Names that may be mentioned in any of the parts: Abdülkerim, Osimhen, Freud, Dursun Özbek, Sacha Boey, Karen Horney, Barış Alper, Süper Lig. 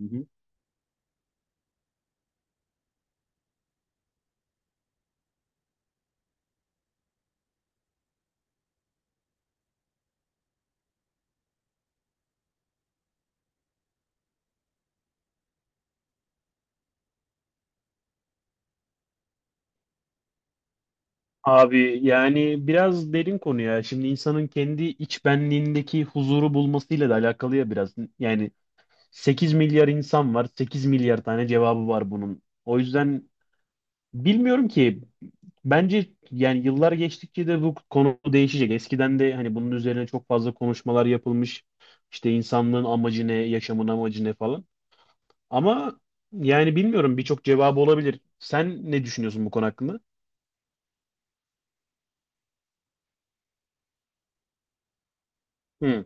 Hı hı. Abi, yani biraz derin konu ya. Şimdi insanın kendi iç benliğindeki huzuru bulmasıyla da alakalı ya, biraz. Yani 8 milyar insan var. 8 milyar tane cevabı var bunun. O yüzden bilmiyorum ki, bence yani yıllar geçtikçe de bu konu değişecek. Eskiden de hani bunun üzerine çok fazla konuşmalar yapılmış. İşte insanlığın amacı ne, yaşamın amacı ne falan. Ama yani bilmiyorum, birçok cevabı olabilir. Sen ne düşünüyorsun bu konu hakkında? Hı,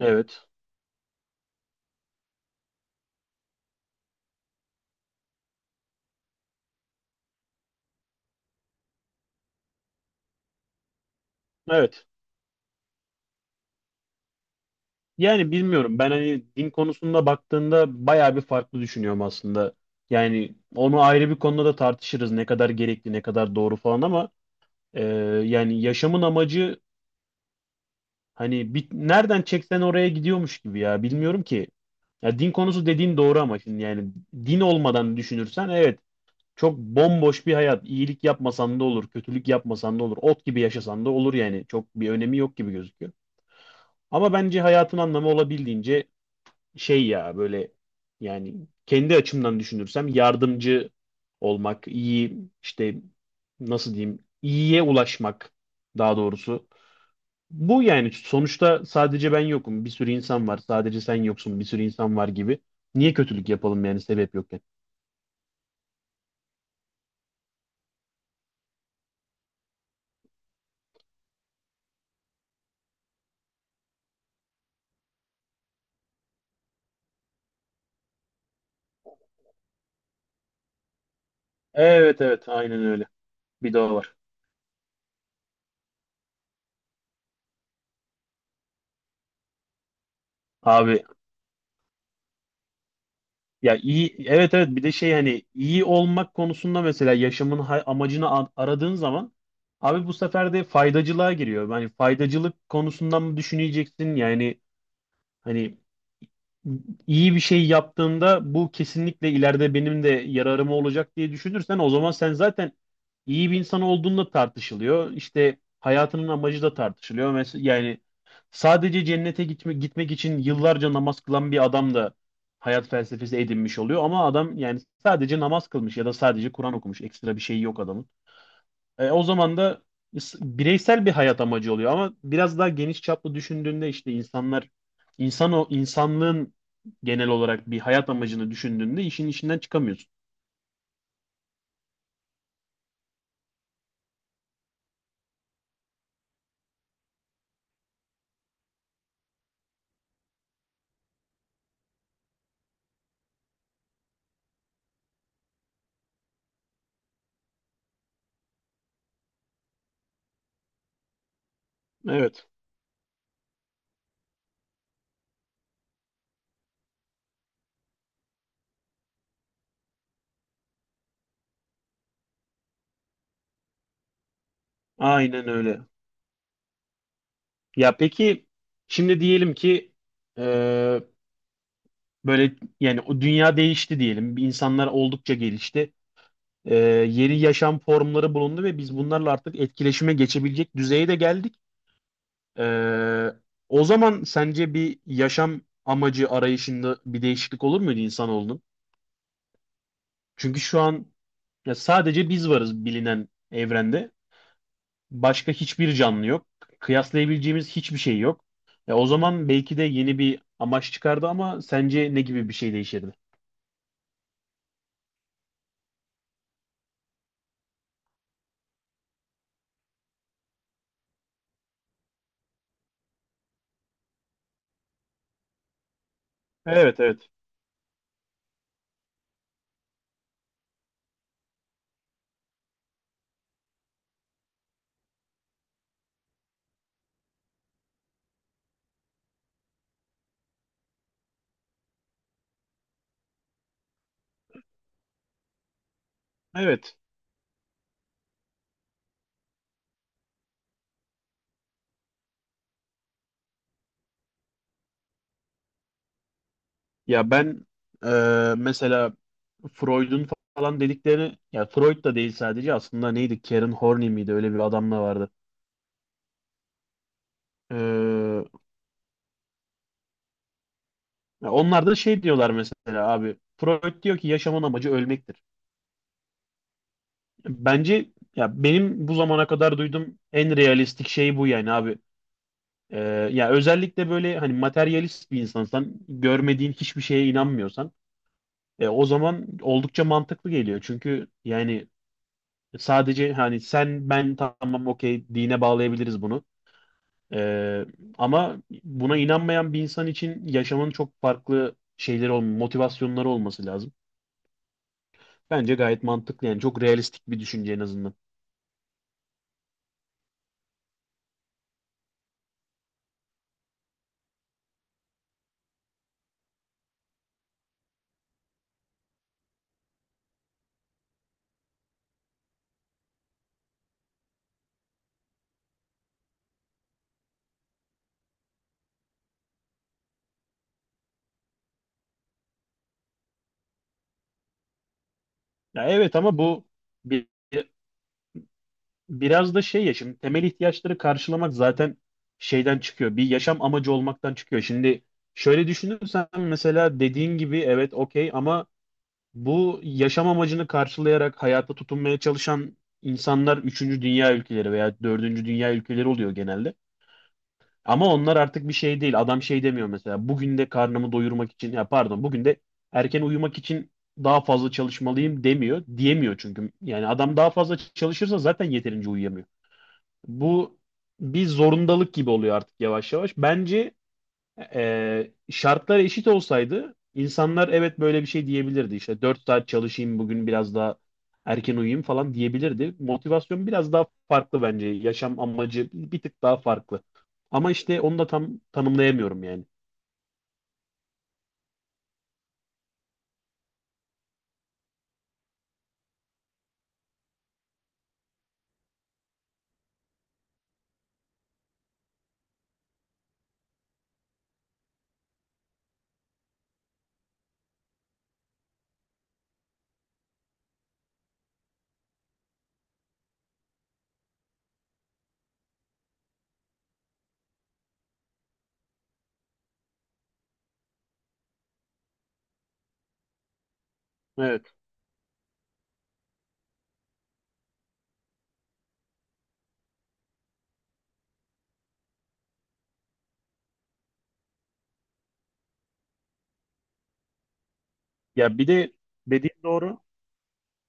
evet. Evet. Yani bilmiyorum. Ben hani din konusunda baktığında bayağı bir farklı düşünüyorum aslında. Yani onu ayrı bir konuda da tartışırız. Ne kadar gerekli, ne kadar doğru falan ama e, yani yaşamın amacı hani bir, nereden çeksen oraya gidiyormuş gibi ya. Bilmiyorum ki. Ya din konusu dediğin doğru ama şimdi yani din olmadan düşünürsen, evet, çok bomboş bir hayat. İyilik yapmasan da olur, kötülük yapmasan da olur, ot gibi yaşasan da olur yani. Çok bir önemi yok gibi gözüküyor. Ama bence hayatın anlamı olabildiğince şey ya, böyle yani kendi açımdan düşünürsem yardımcı olmak, iyi, işte nasıl diyeyim, iyiye ulaşmak daha doğrusu. Bu yani sonuçta sadece ben yokum. Bir sürü insan var. Sadece sen yoksun. Bir sürü insan var gibi. Niye kötülük yapalım yani sebep yokken? Evet evet, aynen öyle. Bir daha var. Abi. Ya iyi, evet evet, bir de şey, hani iyi olmak konusunda mesela yaşamın amacını aradığın zaman abi, bu sefer de faydacılığa giriyor. Yani faydacılık konusundan mı düşüneceksin? Yani hani iyi bir şey yaptığımda bu kesinlikle ileride benim de yararıma olacak diye düşünürsen, o zaman sen zaten iyi bir insan olduğunda tartışılıyor. İşte hayatının amacı da tartışılıyor. Mesela yani sadece cennete gitme, gitmek için yıllarca namaz kılan bir adam da hayat felsefesi edinmiş oluyor ama adam yani sadece namaz kılmış ya da sadece Kur'an okumuş. Ekstra bir şey yok adamın. O zaman da bireysel bir hayat amacı oluyor ama biraz daha geniş çaplı düşündüğünde işte insanlar, insanlığın genel olarak bir hayat amacını düşündüğünde işin içinden çıkamıyorsun. Evet. Aynen öyle. Ya peki şimdi diyelim ki e, böyle yani o dünya değişti diyelim. İnsanlar oldukça gelişti. E, Yeni yaşam formları bulundu ve biz bunlarla artık etkileşime geçebilecek düzeye de geldik. Ee, O zaman sence bir yaşam amacı arayışında bir değişiklik olur muydu insanoğlunun? Çünkü şu an ya sadece biz varız bilinen evrende. Başka hiçbir canlı yok. Kıyaslayabileceğimiz hiçbir şey yok. Ya o zaman belki de yeni bir amaç çıkardı ama sence ne gibi bir şey değişirdi? Evet, evet. Evet. Ya ben, e, mesela Freud'un falan dedikleri, ya Freud da değil sadece, aslında neydi? Karen Horney miydi? Öyle bir adam da vardı. Ya onlar da şey diyorlar mesela abi. Freud diyor ki yaşamın amacı ölmektir. Bence, ya benim bu zamana kadar duyduğum en realistik şey bu yani abi. Ee, Ya özellikle böyle hani materyalist bir insansan, görmediğin hiçbir şeye inanmıyorsan, o zaman oldukça mantıklı geliyor. Çünkü yani sadece hani sen ben tamam okey, dine bağlayabiliriz bunu. Ee, Ama buna inanmayan bir insan için yaşamın çok farklı şeyleri, motivasyonları olması lazım. Bence gayet mantıklı, yani çok realistik bir düşünce en azından. Ya evet ama bu bir, biraz da şey ya, şimdi temel ihtiyaçları karşılamak zaten şeyden çıkıyor. Bir yaşam amacı olmaktan çıkıyor. Şimdi şöyle düşünürsen, mesela dediğin gibi evet okey ama bu yaşam amacını karşılayarak hayata tutunmaya çalışan insanlar üçüncü dünya ülkeleri veya dördüncü dünya ülkeleri oluyor genelde. Ama onlar artık bir şey değil. Adam şey demiyor mesela. Bugün de karnımı doyurmak için, ya pardon, bugün de erken uyumak için daha fazla çalışmalıyım demiyor. Diyemiyor çünkü. Yani adam daha fazla çalışırsa zaten yeterince uyuyamıyor. Bu bir zorundalık gibi oluyor artık yavaş yavaş. Bence şartlar eşit olsaydı insanlar evet böyle bir şey diyebilirdi. İşte 4 saat çalışayım bugün, biraz daha erken uyuyayım falan diyebilirdi. Motivasyon biraz daha farklı bence. Yaşam amacı bir tık daha farklı. Ama işte onu da tam tanımlayamıyorum yani. Evet. Ya bir de dediğin doğru.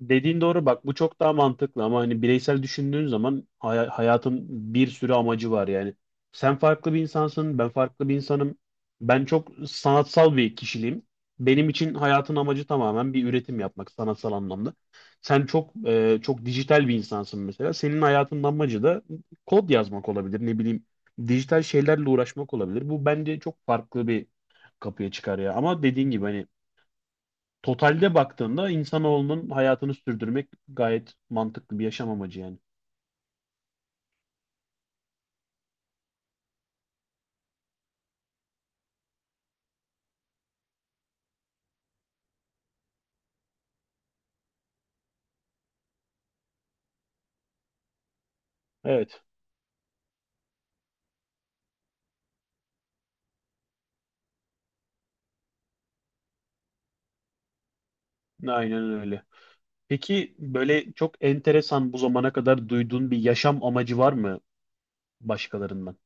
Dediğin doğru, bak bu çok daha mantıklı ama hani bireysel düşündüğün zaman hayatın bir sürü amacı var yani. Sen farklı bir insansın, ben farklı bir insanım. Ben çok sanatsal bir kişiliğim. Benim için hayatın amacı tamamen bir üretim yapmak, sanatsal anlamda. Sen çok çok dijital bir insansın mesela. Senin hayatının amacı da kod yazmak olabilir, ne bileyim, dijital şeylerle uğraşmak olabilir. Bu bence çok farklı bir kapıya çıkar ya. Ama dediğin gibi, hani totalde baktığında insanoğlunun hayatını sürdürmek gayet mantıklı bir yaşam amacı yani. Evet, aynen öyle. Peki böyle çok enteresan bu zamana kadar duyduğun bir yaşam amacı var mı başkalarından?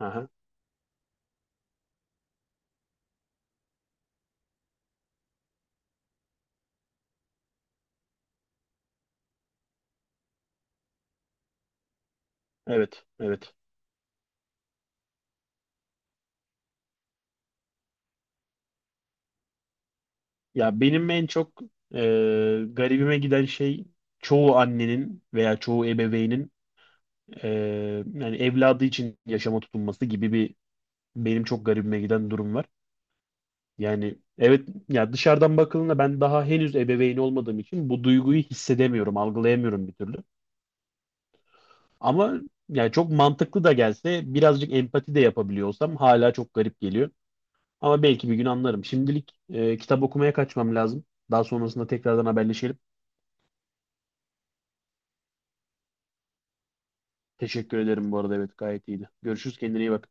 Aha, evet, evet. Ya benim en çok e, garibime giden şey çoğu annenin veya çoğu ebeveynin e, yani evladı için yaşama tutunması gibi bir, benim çok garibime giden durum var. Yani evet ya, dışarıdan bakıldığında ben daha henüz ebeveyn olmadığım için bu duyguyu hissedemiyorum, algılayamıyorum bir türlü. Ama yani çok mantıklı da gelse, birazcık empati de yapabiliyor olsam hala çok garip geliyor. Ama belki bir gün anlarım. Şimdilik kitap okumaya kaçmam lazım. Daha sonrasında tekrardan haberleşelim. Teşekkür ederim bu arada, evet gayet iyiydi. Görüşürüz, kendine iyi bak.